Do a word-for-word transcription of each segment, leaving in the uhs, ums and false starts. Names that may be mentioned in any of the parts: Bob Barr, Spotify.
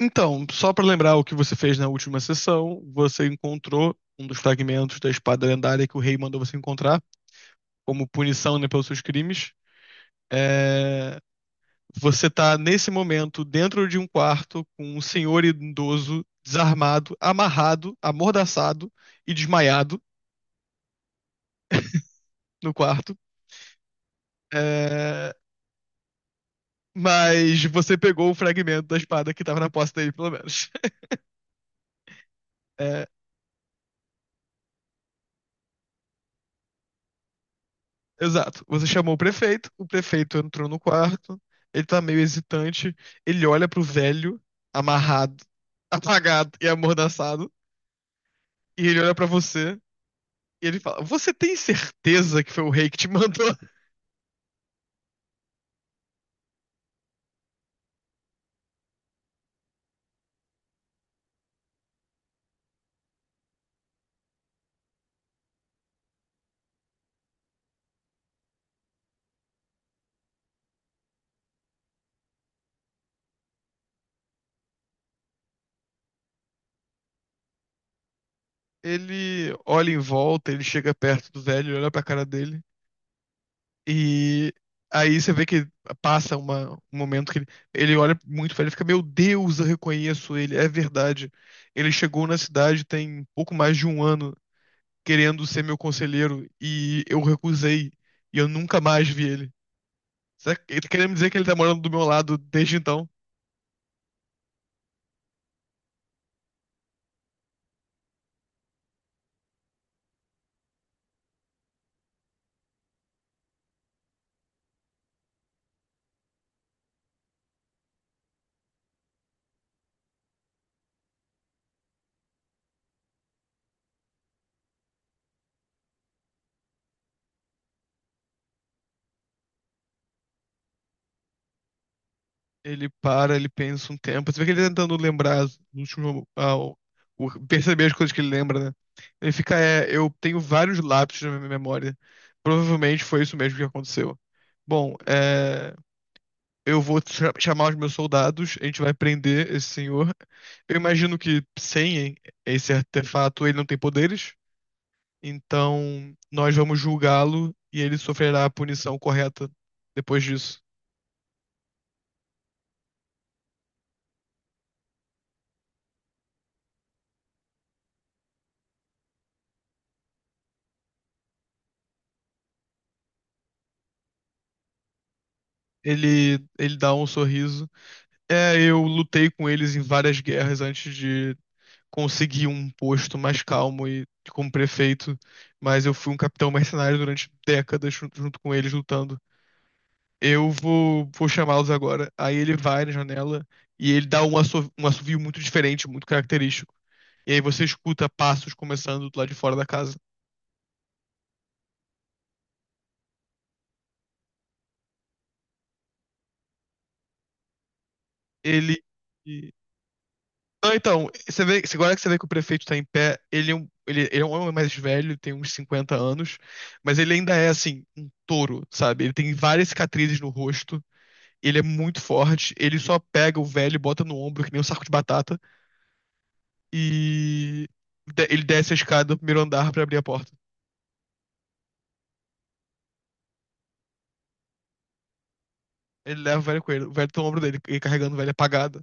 Então, só para lembrar o que você fez na última sessão, você encontrou um dos fragmentos da espada lendária que o rei mandou você encontrar, como punição, né, pelos seus crimes. É, Você está nesse momento, dentro de um quarto com um senhor idoso, desarmado, amarrado, amordaçado e desmaiado no quarto. É, Mas você pegou o fragmento da espada que estava na posse dele, pelo menos. Exato. Você chamou o prefeito, o prefeito entrou no quarto, ele tá meio hesitante, ele olha pro velho, amarrado, apagado e amordaçado, e ele olha pra você e ele fala: Você tem certeza que foi o rei que te mandou? Ele olha em volta, ele chega perto do velho. Ele olha pra cara dele, e aí você vê que passa uma- um momento que ele, ele olha muito pra ele e fica: Meu Deus, eu reconheço ele, é verdade. Ele chegou na cidade tem pouco mais de um ano, querendo ser meu conselheiro e eu recusei e eu nunca mais vi ele. Será que ele tá querendo me dizer que ele tá morando do meu lado desde então? Ele para, ele pensa um tempo. Você vê que ele tá tentando lembrar os últimos, ah, o- o- perceber as coisas que ele lembra, né? Ele fica, é, eu tenho vários lapsos na minha memória. Provavelmente foi isso mesmo que aconteceu. Bom, é, eu vou cha- chamar os meus soldados, a gente vai prender esse senhor. Eu imagino que sem esse artefato ele não tem poderes. Então, nós vamos julgá-lo e ele sofrerá a punição correta depois disso. Ele, ele dá um sorriso. É, eu lutei com eles em várias guerras antes de conseguir um posto mais calmo e como prefeito, mas eu fui um capitão mercenário durante décadas junto, junto com eles lutando. Eu vou, vou chamá-los agora. Aí ele vai na janela e ele dá um assovi- um assovio muito diferente, muito característico. E aí você escuta passos começando do lado de fora da casa. Ele Não, então, você vê, você- agora que você vê que o prefeito tá em pé, ele é um, ele, ele é um homem mais velho, tem uns cinquenta anos, mas ele ainda é, assim, um touro, sabe? Ele tem várias cicatrizes no rosto, ele é muito forte, ele só pega o velho e bota no ombro, que nem um saco de batata, e de- ele desce a escada do primeiro andar pra abrir a porta. Ele leva o velho com ele, o velho tá no ombro dele, ele carregando o velho apagado.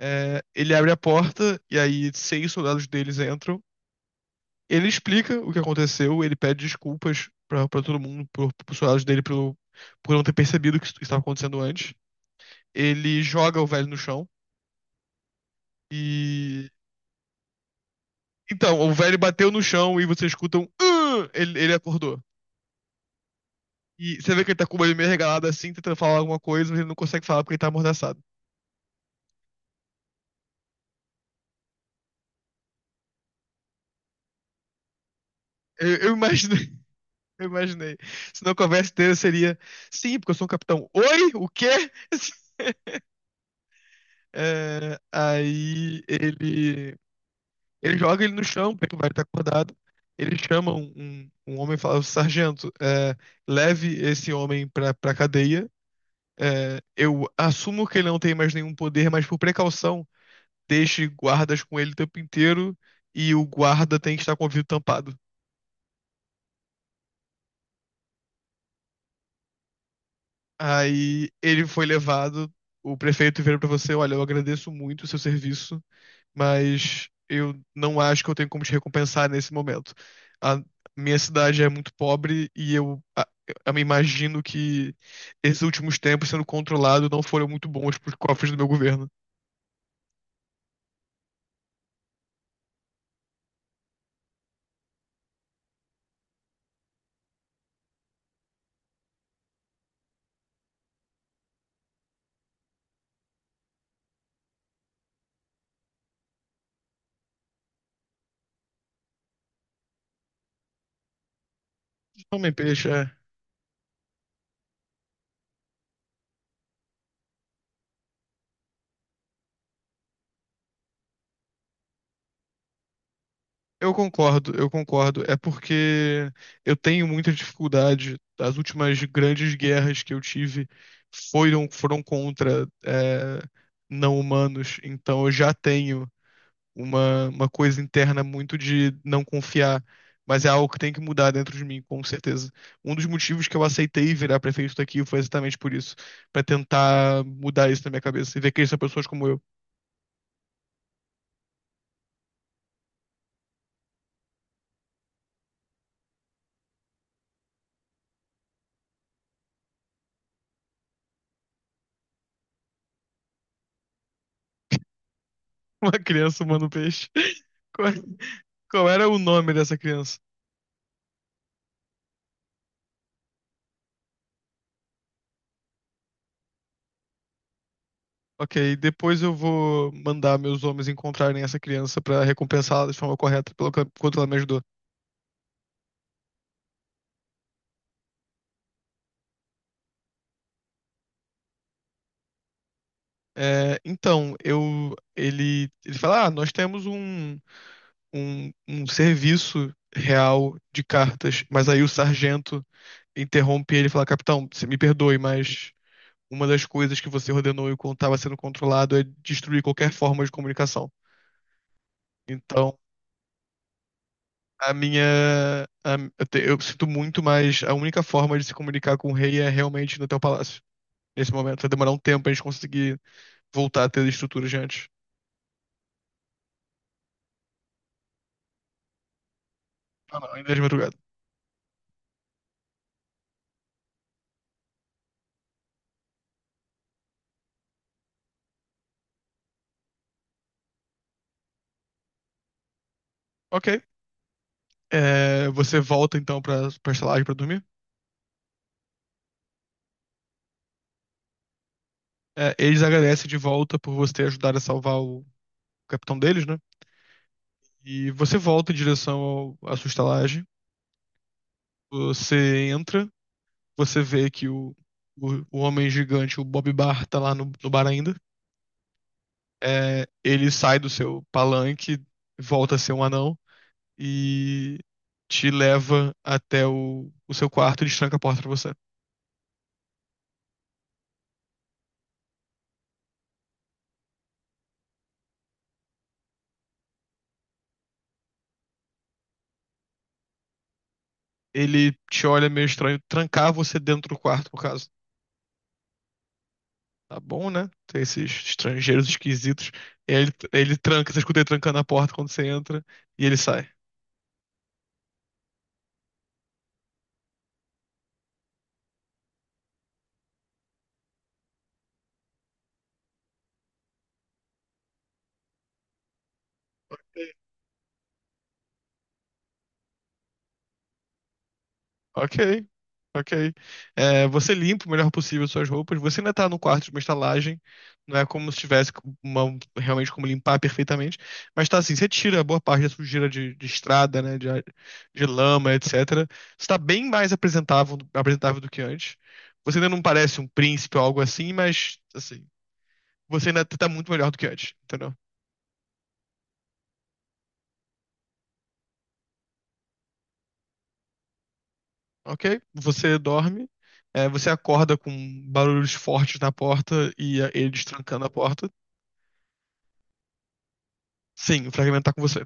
É, ele abre a porta, e aí seis soldados deles entram. Ele explica o que aconteceu, ele pede desculpas pra, pra todo mundo, pro, pros soldados dele, pelo, por não ter percebido o que isso estava acontecendo antes. Ele joga o velho no chão e. Então, o velho bateu no chão e você escuta um. "Ah!" Ele, ele acordou. E você vê que ele tá com o olho meio regalado assim, tentando falar alguma coisa, mas ele não consegue falar porque ele tá amordaçado. Eu, eu imaginei, eu imaginei. Senão a conversa inteira seria: sim, porque eu sou um capitão. Oi? O quê? É, aí ele. Ele joga ele no chão, porque o velho tá acordado. Ele chama um, um, um homem e fala: Sargento, é, leve esse homem pra, pra cadeia. É, eu assumo que ele não tem mais nenhum poder, mas por precaução, deixe guardas com ele o tempo inteiro e o guarda tem que estar com o ouvido tampado. Aí ele foi levado, o prefeito virou pra você, olha, eu agradeço muito o seu serviço, mas eu não acho que eu tenho como te recompensar nesse momento. A minha cidade é muito pobre e eu, a- eu me imagino que esses últimos tempos sendo controlado não foram muito bons pros cofres do meu governo. Homem peixe. Eu concordo, eu concordo. É porque eu tenho muita dificuldade. As últimas grandes guerras que eu tive foram, foram contra é, não humanos. Então eu já tenho uma, uma coisa interna muito de não confiar. Mas é algo que tem que mudar dentro de mim, com certeza. Um dos motivos que eu aceitei virar prefeito daqui foi exatamente por isso, pra tentar mudar isso na minha cabeça e ver que são pessoas como eu. Uma criança humano peixe. Qual, qual era o nome dessa criança? Ok, depois eu vou mandar meus homens encontrarem essa criança pra recompensá-la de forma correta pelo que- quanto ela me ajudou. É, então, eu, ele, ele fala, ah, nós temos um, um, um serviço real de cartas, mas aí o sargento interrompe ele e fala, capitão, você me perdoe, mas uma das coisas que você ordenou enquanto estava sendo controlado é destruir qualquer forma de comunicação. Então, a minha. a- eu, te- eu sinto muito, mas a única forma de se comunicar com o rei é realmente no teu palácio. Nesse momento. Vai demorar um tempo a gente conseguir voltar a ter as estruturas de antes. Ah, não, ainda é de madrugada. Ok. É, você volta então pra, pra estalagem pra dormir. É, eles agradecem de volta por você ter ajudado a salvar o capitão deles, né? E você volta em direção ao, à sua estalagem. Você entra, você vê que o, o, o homem gigante, o Bob Barr, tá lá no, no bar ainda. É, ele sai do seu palanque, volta a ser um anão e te leva até o, o seu quarto e destranca a porta pra você. Ele te olha meio estranho, trancar você dentro do quarto, por caso. Tá bom, né? Tem esses estrangeiros esquisitos. Ele, ele tranca, você escuta ele trancando a porta quando você entra e ele sai. Ok, ok. É, você limpa o melhor possível suas roupas. Você ainda tá no quarto de uma estalagem. Não é como se tivesse uma- realmente como limpar perfeitamente. Mas tá assim, você tira boa parte da sujeira de, de estrada, né? De, de lama, etcétera. Você tá bem mais apresentável, apresentável do que antes. Você ainda não parece um príncipe ou algo assim, mas assim, você ainda tá muito melhor do que antes, entendeu? Ok? Você dorme. É, você acorda com barulhos fortes na porta e é, eles trancando a porta. Sim, o fragmento tá com você.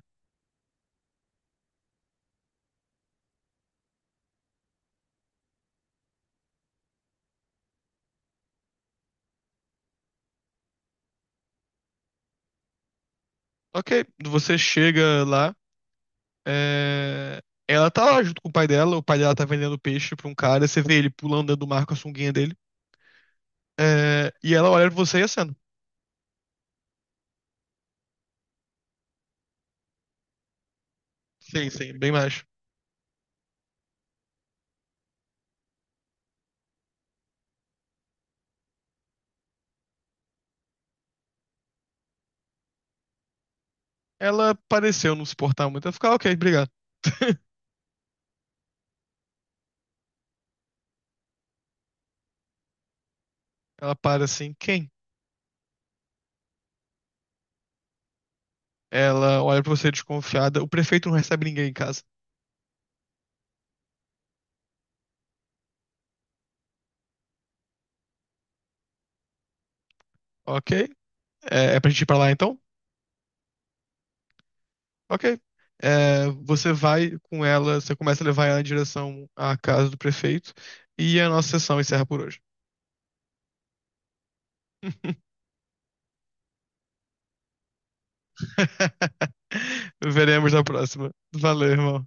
Ok, você chega lá, é, ela tá lá junto com o pai dela, o pai dela tá vendendo peixe pra um cara, você vê ele pulando dentro do mar com a sunguinha dele, é, e ela olha pra você e acena. Sim, sim, bem mais. Ela pareceu não se portar muito, ela fica, "Ah, ok, obrigado." Ela para assim, quem? Ela olha pra você desconfiada, o prefeito não recebe ninguém em casa. Ok, é, é pra gente ir pra lá então? Ok. É, você vai com ela, você começa a levar ela em direção à casa do prefeito e a nossa sessão encerra por hoje. Veremos na próxima. Valeu, irmão.